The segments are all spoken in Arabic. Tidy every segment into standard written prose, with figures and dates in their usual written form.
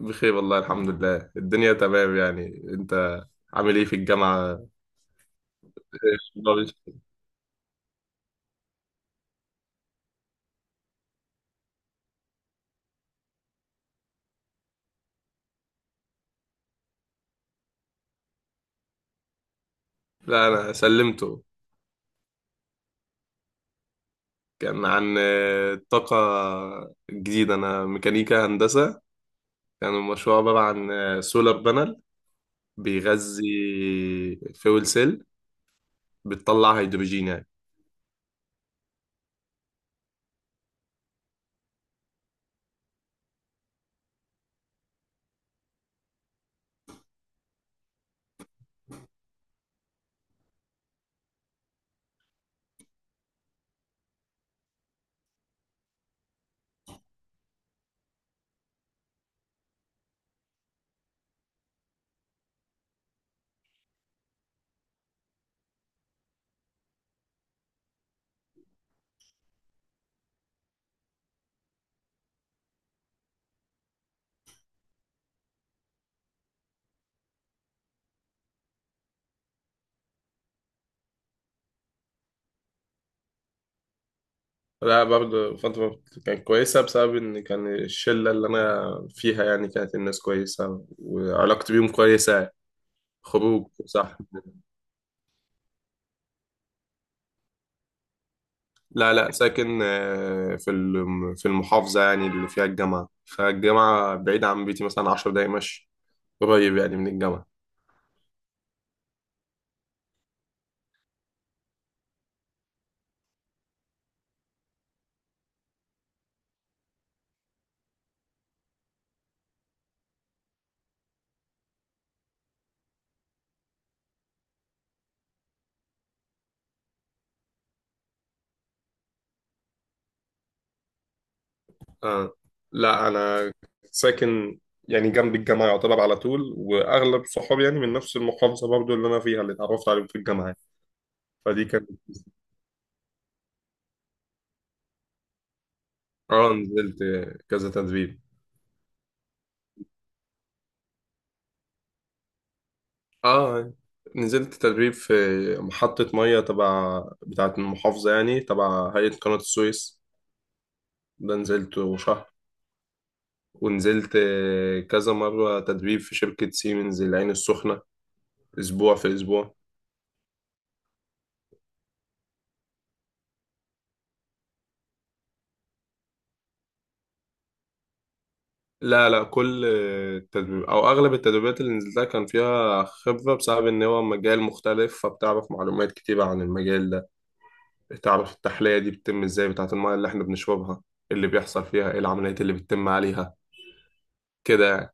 بخير والله الحمد لله الدنيا تمام يعني. انت عامل ايه في الجامعة؟ إيه؟ لا، انا سلمته. كان عن الطاقة الجديدة. انا ميكانيكا هندسة. كان المشروع عبارة عن سولار بانل بيغذي فيول سيل بتطلع هيدروجين يعني. لا، برضه فترة كانت كويسة بسبب إن كان الشلة اللي أنا فيها يعني، كانت الناس كويسة وعلاقتي بيهم كويسة يعني. خروج صح. لا، لا، ساكن في المحافظة يعني اللي فيها الجامعة، فالجامعة بعيدة عن بيتي مثلا 10 دقايق مشي. قريب يعني من الجامعة. آه. لا أنا ساكن يعني جنب الجامعة يعتبر على طول، وأغلب صحابي يعني من نفس المحافظة برضو اللي أنا فيها، اللي اتعرفت عليهم في الجامعة يعني. فدي كانت. آه، نزلت كذا تدريب. آه، نزلت تدريب في محطة مية تبع، بتاعة المحافظة يعني، تبع هيئة قناة السويس. ده نزلت، ونزلت كذا مرة تدريب في شركة سيمنز العين السخنة، أسبوع في أسبوع. لا، لا، كل تدريب أو أغلب التدريبات اللي نزلتها كان فيها خبرة، بسبب إن هو مجال مختلف، فبتعرف معلومات كتيرة عن المجال ده. تعرف التحلية دي بتتم إزاي، بتاعة المية اللي إحنا بنشربها، اللي بيحصل فيها إيه العمليات اللي بتتم عليها كده يعني.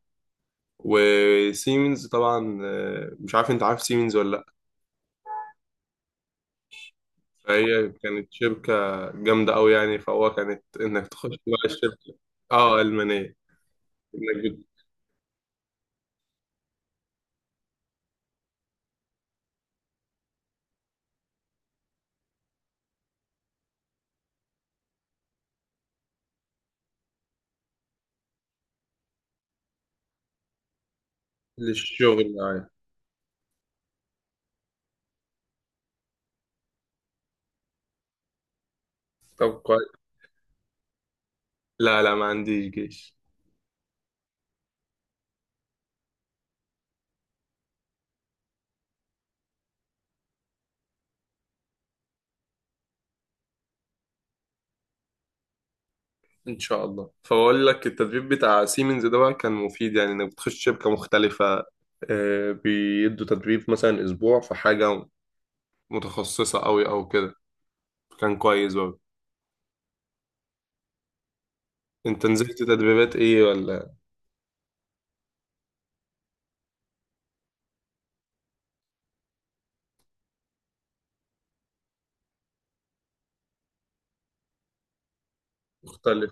وسيمنز طبعا، مش عارف أنت عارف سيمنز ولا لأ. فهي كانت شركة جامدة أوي يعني، فهو كانت إنك تخش بقى الشركة. اه، المانيه. انك بت- للشغل يعني. طب كويس. لا، لا، ما عنديش جيش. ان شاء الله. فبقول لك التدريب بتاع سيمنز ده بقى كان مفيد، يعني انك بتخش شركة مختلفة، بيدوا تدريب مثلا اسبوع في حاجة متخصصة قوي او كده. كان كويس برضه. انت نزلت تدريبات ايه ولا مختلف؟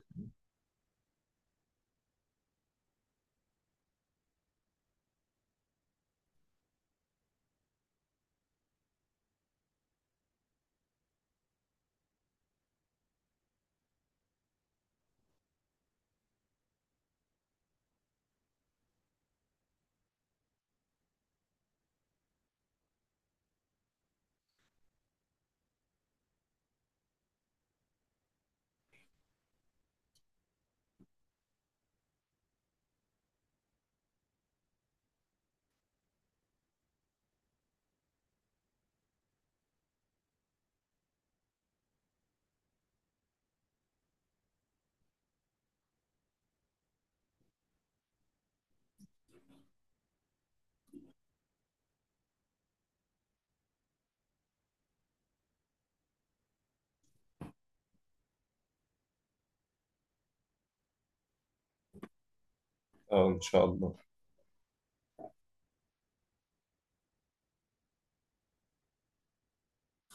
اه، ان شاء الله.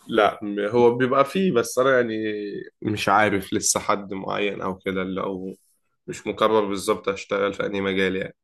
لا م- هو بيبقى فيه، بس انا يعني مش عارف لسه حد معين او كده، اللي او مش مقرر بالظبط هشتغل في انهي مجال يعني.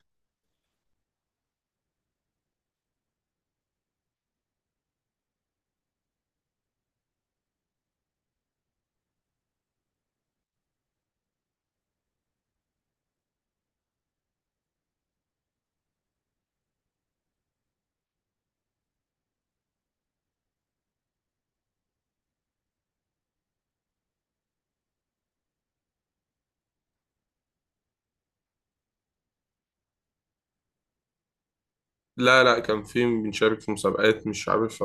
لا، لا، كان في، بنشارك في مسابقات مش عارف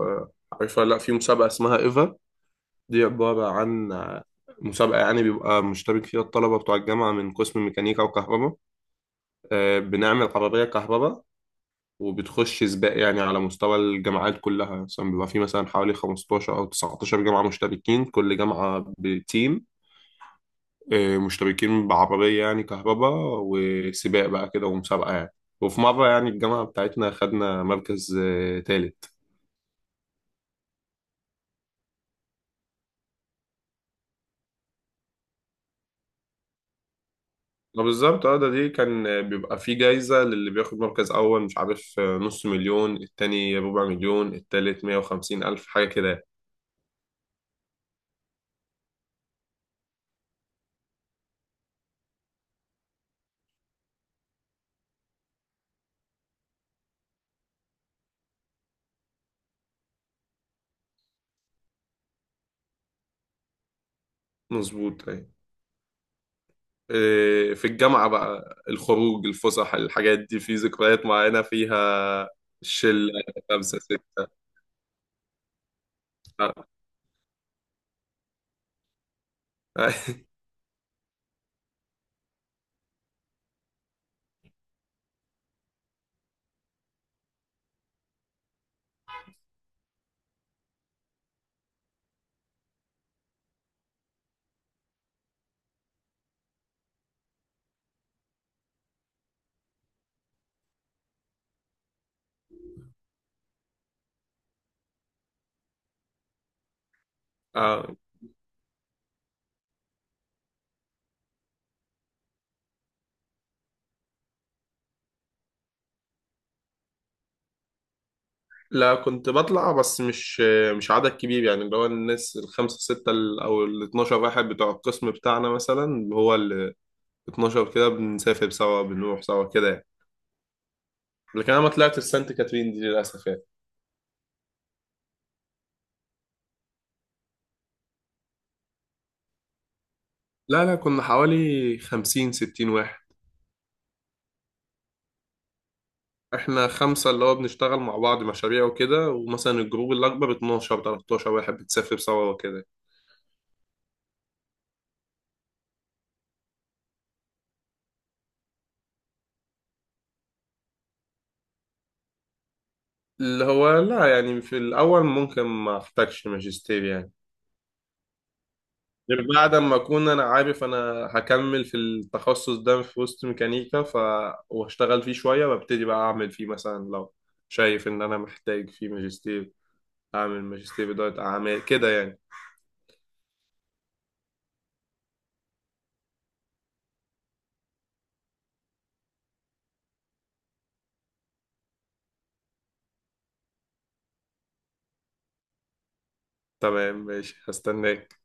عارفها، لا في مسابقة اسمها إيفا. دي عبارة عن مسابقة، يعني بيبقى مشترك فيها الطلبة بتوع الجامعة من قسم ميكانيكا وكهرباء، بنعمل عربية كهرباء وبتخش سباق يعني، على مستوى الجامعات كلها. مثلا بيبقى في مثلا حوالي 15 أو 19 جامعة مشتركين، كل جامعة بتيم مشتركين بعربية يعني كهرباء، وسباق بقى كده ومسابقة يعني. وفي مرة يعني الجامعة بتاعتنا خدنا مركز تالت. ما بالظبط، اه ده، دي كان بيبقى في جايزة للي بياخد مركز أول، مش عارف، نص مليون، التاني ربع مليون، التالت 150,000، حاجة كده يعني. مظبوط، أيوة. في الجامعة بقى الخروج الفسح الحاجات دي في ذكريات معينة فيها، شلة خمسة ستة. آه. آه. لا كنت بطلع، بس مش عدد كبير يعني، اللي هو الناس الخمسة ستة أو ال 12 واحد بتوع القسم بتاعنا مثلا، اللي هو ال 12 كده بنسافر سوا بنروح سوا كده يعني. لكن انا ما طلعتش سانت كاترين دي للاسف يعني. لا، لا، كنا حوالي 50 60 واحد. احنا خمسة اللي هو بنشتغل مع بعض مشاريع وكده، ومثلا الجروب الأكبر 12 13 واحد بتسافر سوا وكده. اللي هو لا يعني في الأول ممكن ما أحتاجش ماجستير يعني، غير بعد ما أكون أنا عارف أنا هكمل في التخصص ده في وسط ميكانيكا، ف وأشتغل فيه شوية وأبتدي بقى أعمل فيه، مثلا لو شايف إن أنا محتاج فيه ماجستير، أعمل ماجستير إدارة أعمال كده يعني. تمام ماشي، هستناك.